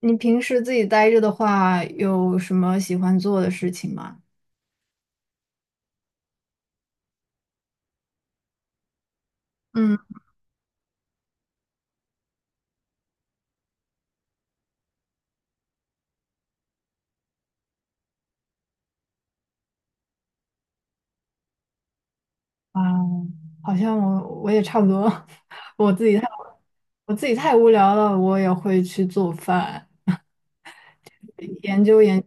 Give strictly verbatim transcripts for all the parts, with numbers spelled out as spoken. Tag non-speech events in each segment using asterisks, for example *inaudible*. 你平时自己待着的话，有什么喜欢做的事情吗？嗯。啊。好像我我也差不多，*laughs* 我自己太我自己太无聊了，我也会去做饭，研究研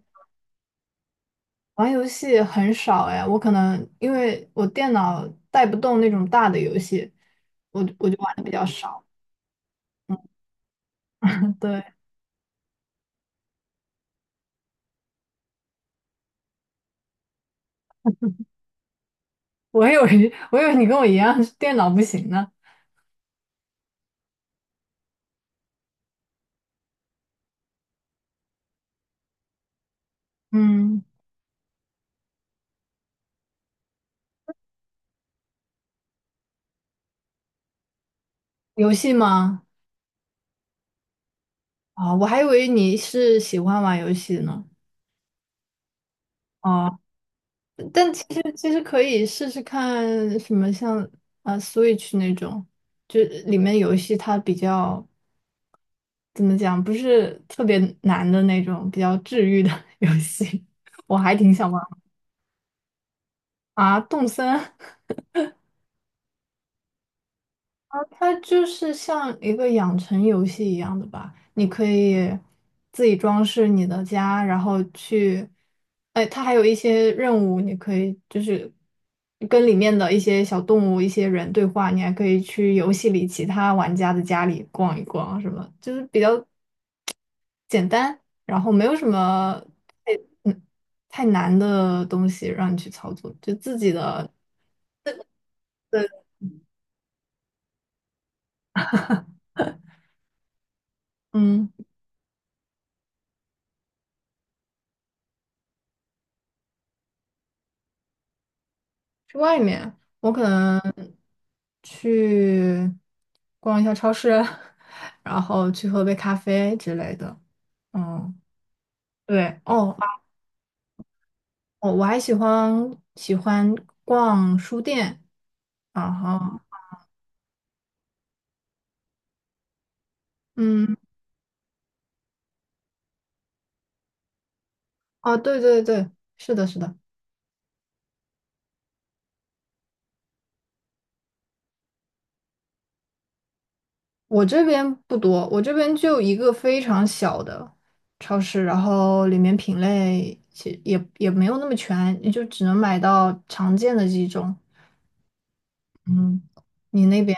玩游戏很少哎，我可能因为我电脑带不动那种大的游戏，我我就玩的比较少。对。我以为 *laughs* 我以为你跟我一样，*laughs* 电脑不行呢。嗯。游戏吗？啊，我还以为你是喜欢玩游戏呢。哦。但其实其实可以试试看什么像啊呃 Switch 那种，就里面游戏它比较怎么讲，不是特别难的那种，比较治愈的 *laughs* 游戏，我还挺想玩啊。动森，它就是像一个养成游戏一样的吧，你可以自己装饰你的家，然后去，哎，它还有一些任务，你可以就是跟里面的一些小动物、一些人对话，你还可以去游戏里其他玩家的家里逛一逛，什么就是比较简单，然后没有什么太嗯太难的东西让你去操作，就自己的。对，嗯。去外面，我可能去逛一下超市，*laughs* 然后去喝杯咖啡之类的。嗯。对。哦。哦，我还喜欢喜欢逛书店，然后，嗯。哦，对对对，是的，是的。我这边不多，我这边就一个非常小的超市，然后里面品类其实也也没有那么全，也就只能买到常见的几种。嗯，你那边？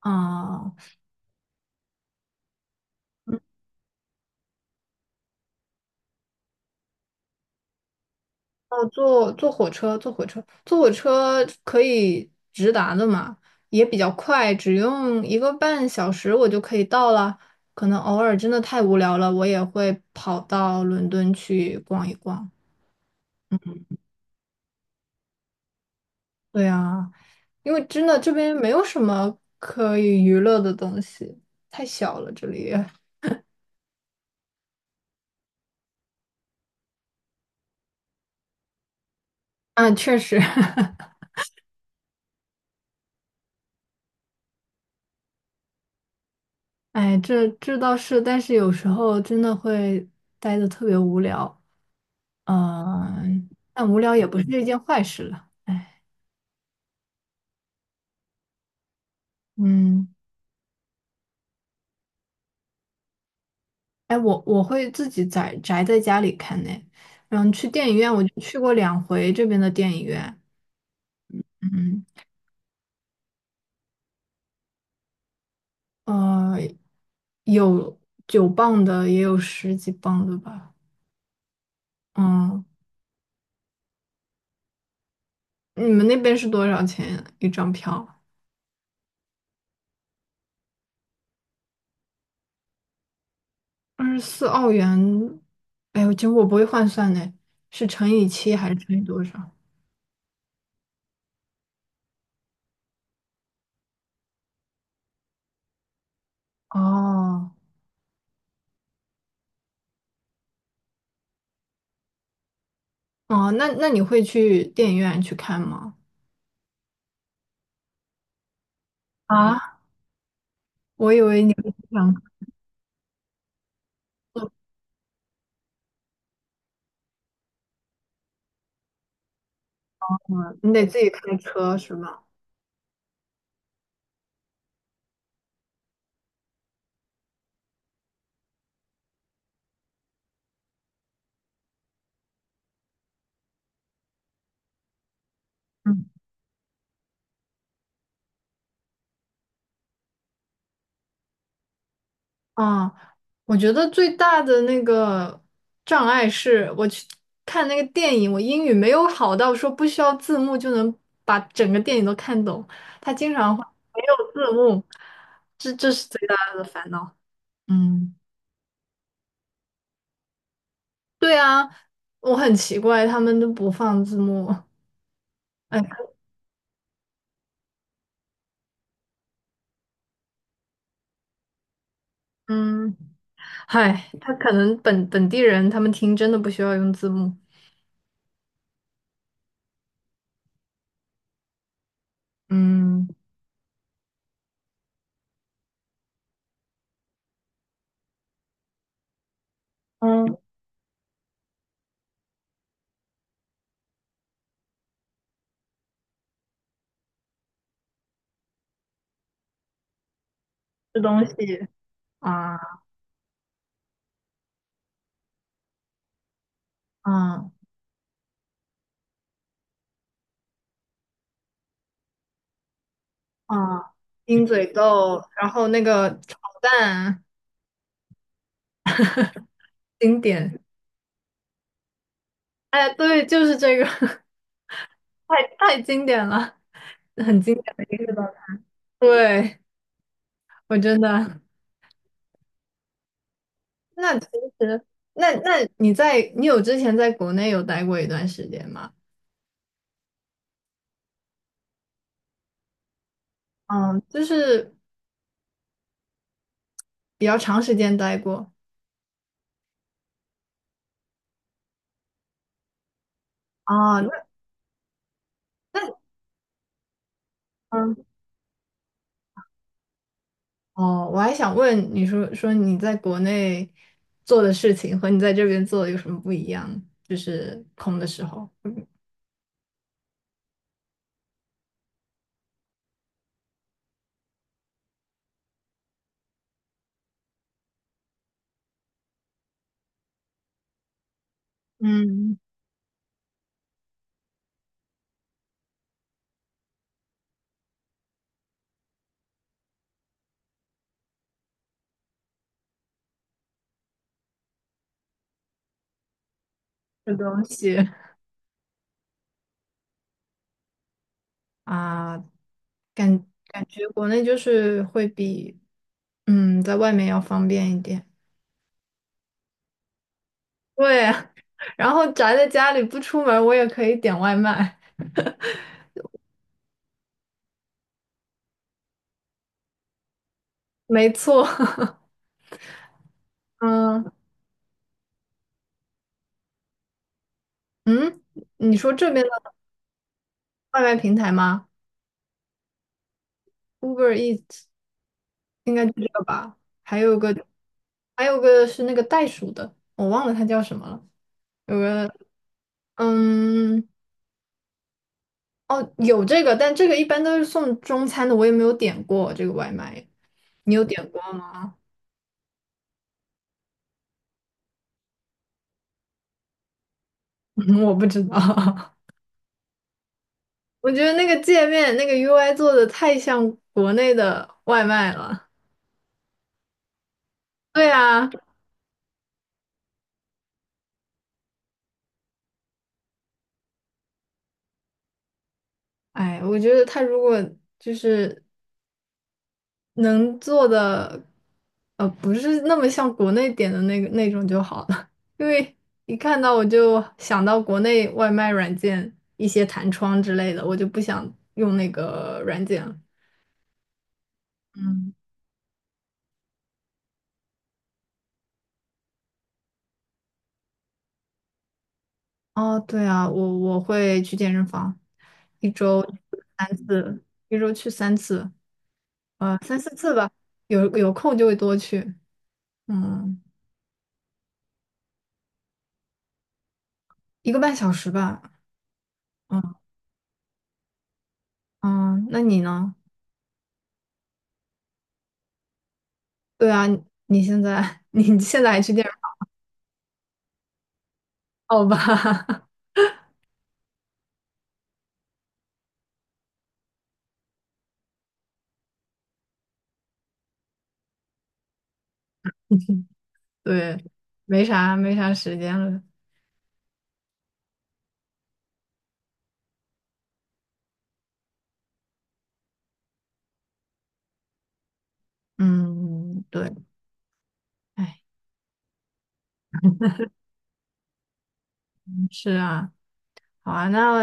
啊。嗯。哦，坐坐火车，坐火车，坐火车可以直达的嘛，也比较快，只用一个半小时我就可以到了。可能偶尔真的太无聊了，我也会跑到伦敦去逛一逛。对啊，因为真的这边没有什么可以娱乐的东西，太小了这里。啊，确实。*laughs* 哎，这这倒是，但是有时候真的会待的特别无聊。嗯，但无聊也不是一件坏事了。哎，嗯。哎，我我会自己宅宅在家里看呢。嗯，去电影院我就去过两回这边的电影院。嗯。呃，有九磅的，也有十几磅的吧。嗯，你们那边是多少钱一张票？二十四澳元。哎呦，其实我不会换算呢，是乘以七还是乘以多少？哦。哦，那那你会去电影院去看吗？啊，我以为你不想做坐车，你得自己开车是吗？嗯。啊，我觉得最大的那个障碍是我去看那个电影，我英语没有好到说不需要字幕就能把整个电影都看懂，他经常会没有字幕，这这是最大的烦恼。嗯。对啊，我很奇怪，他们都不放字幕。哎。嗯。嗨，他可能本本地人他们听真的不需要用字幕。嗯。嗯。吃东西啊。啊。啊，鹰嘴豆，然后那个炒蛋，经典。哎，对，就是这个。*laughs* 太太经典了。一个都对，我真的 *laughs*。那其实，那那你在你有之前在国内有待过一段时间吗？嗯，就是比较长时间待过。啊，那那嗯。哦，我还想问你说说你在国内做的事情和你在这边做的有什么不一样？就是空的时候，嗯。这东西啊，感感觉国内就是会比嗯在外面要方便一点。对啊。*laughs* 然后宅在家里不出门，我也可以点外卖。没错。*laughs* 嗯。嗯，你说这边的外卖平台吗？Uber Eats 应该就这个吧，还有个还有个是那个袋鼠的，我忘了它叫什么了。有个，嗯。哦，有这个，但这个一般都是送中餐的，我也没有点过这个外卖。你有点过吗？*laughs* 嗯我不知道。*laughs* 我觉得那个界面那个 U I 做的太像国内的外卖了。对啊。哎，我觉得他如果就是能做的，呃，不是那么像国内点的那个那种就好了，*laughs* 因为一看到我就想到国内外卖软件一些弹窗之类的，我就不想用那个软件了。嗯。哦，对啊，我我会去健身房，一周三次，一周去三次，呃，三四次吧，有有空就会多去，嗯。一个半小时吧，嗯。嗯，那你呢？对啊，你现在 *laughs* 你现在还去？健 *laughs* 好吧。*laughs* 对，没啥没啥时间了。嗯。对。哎。是啊。好啊，那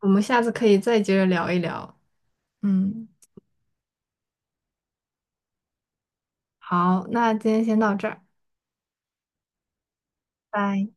我们下次可以再接着聊一聊。嗯。好，那今天先到这儿，拜。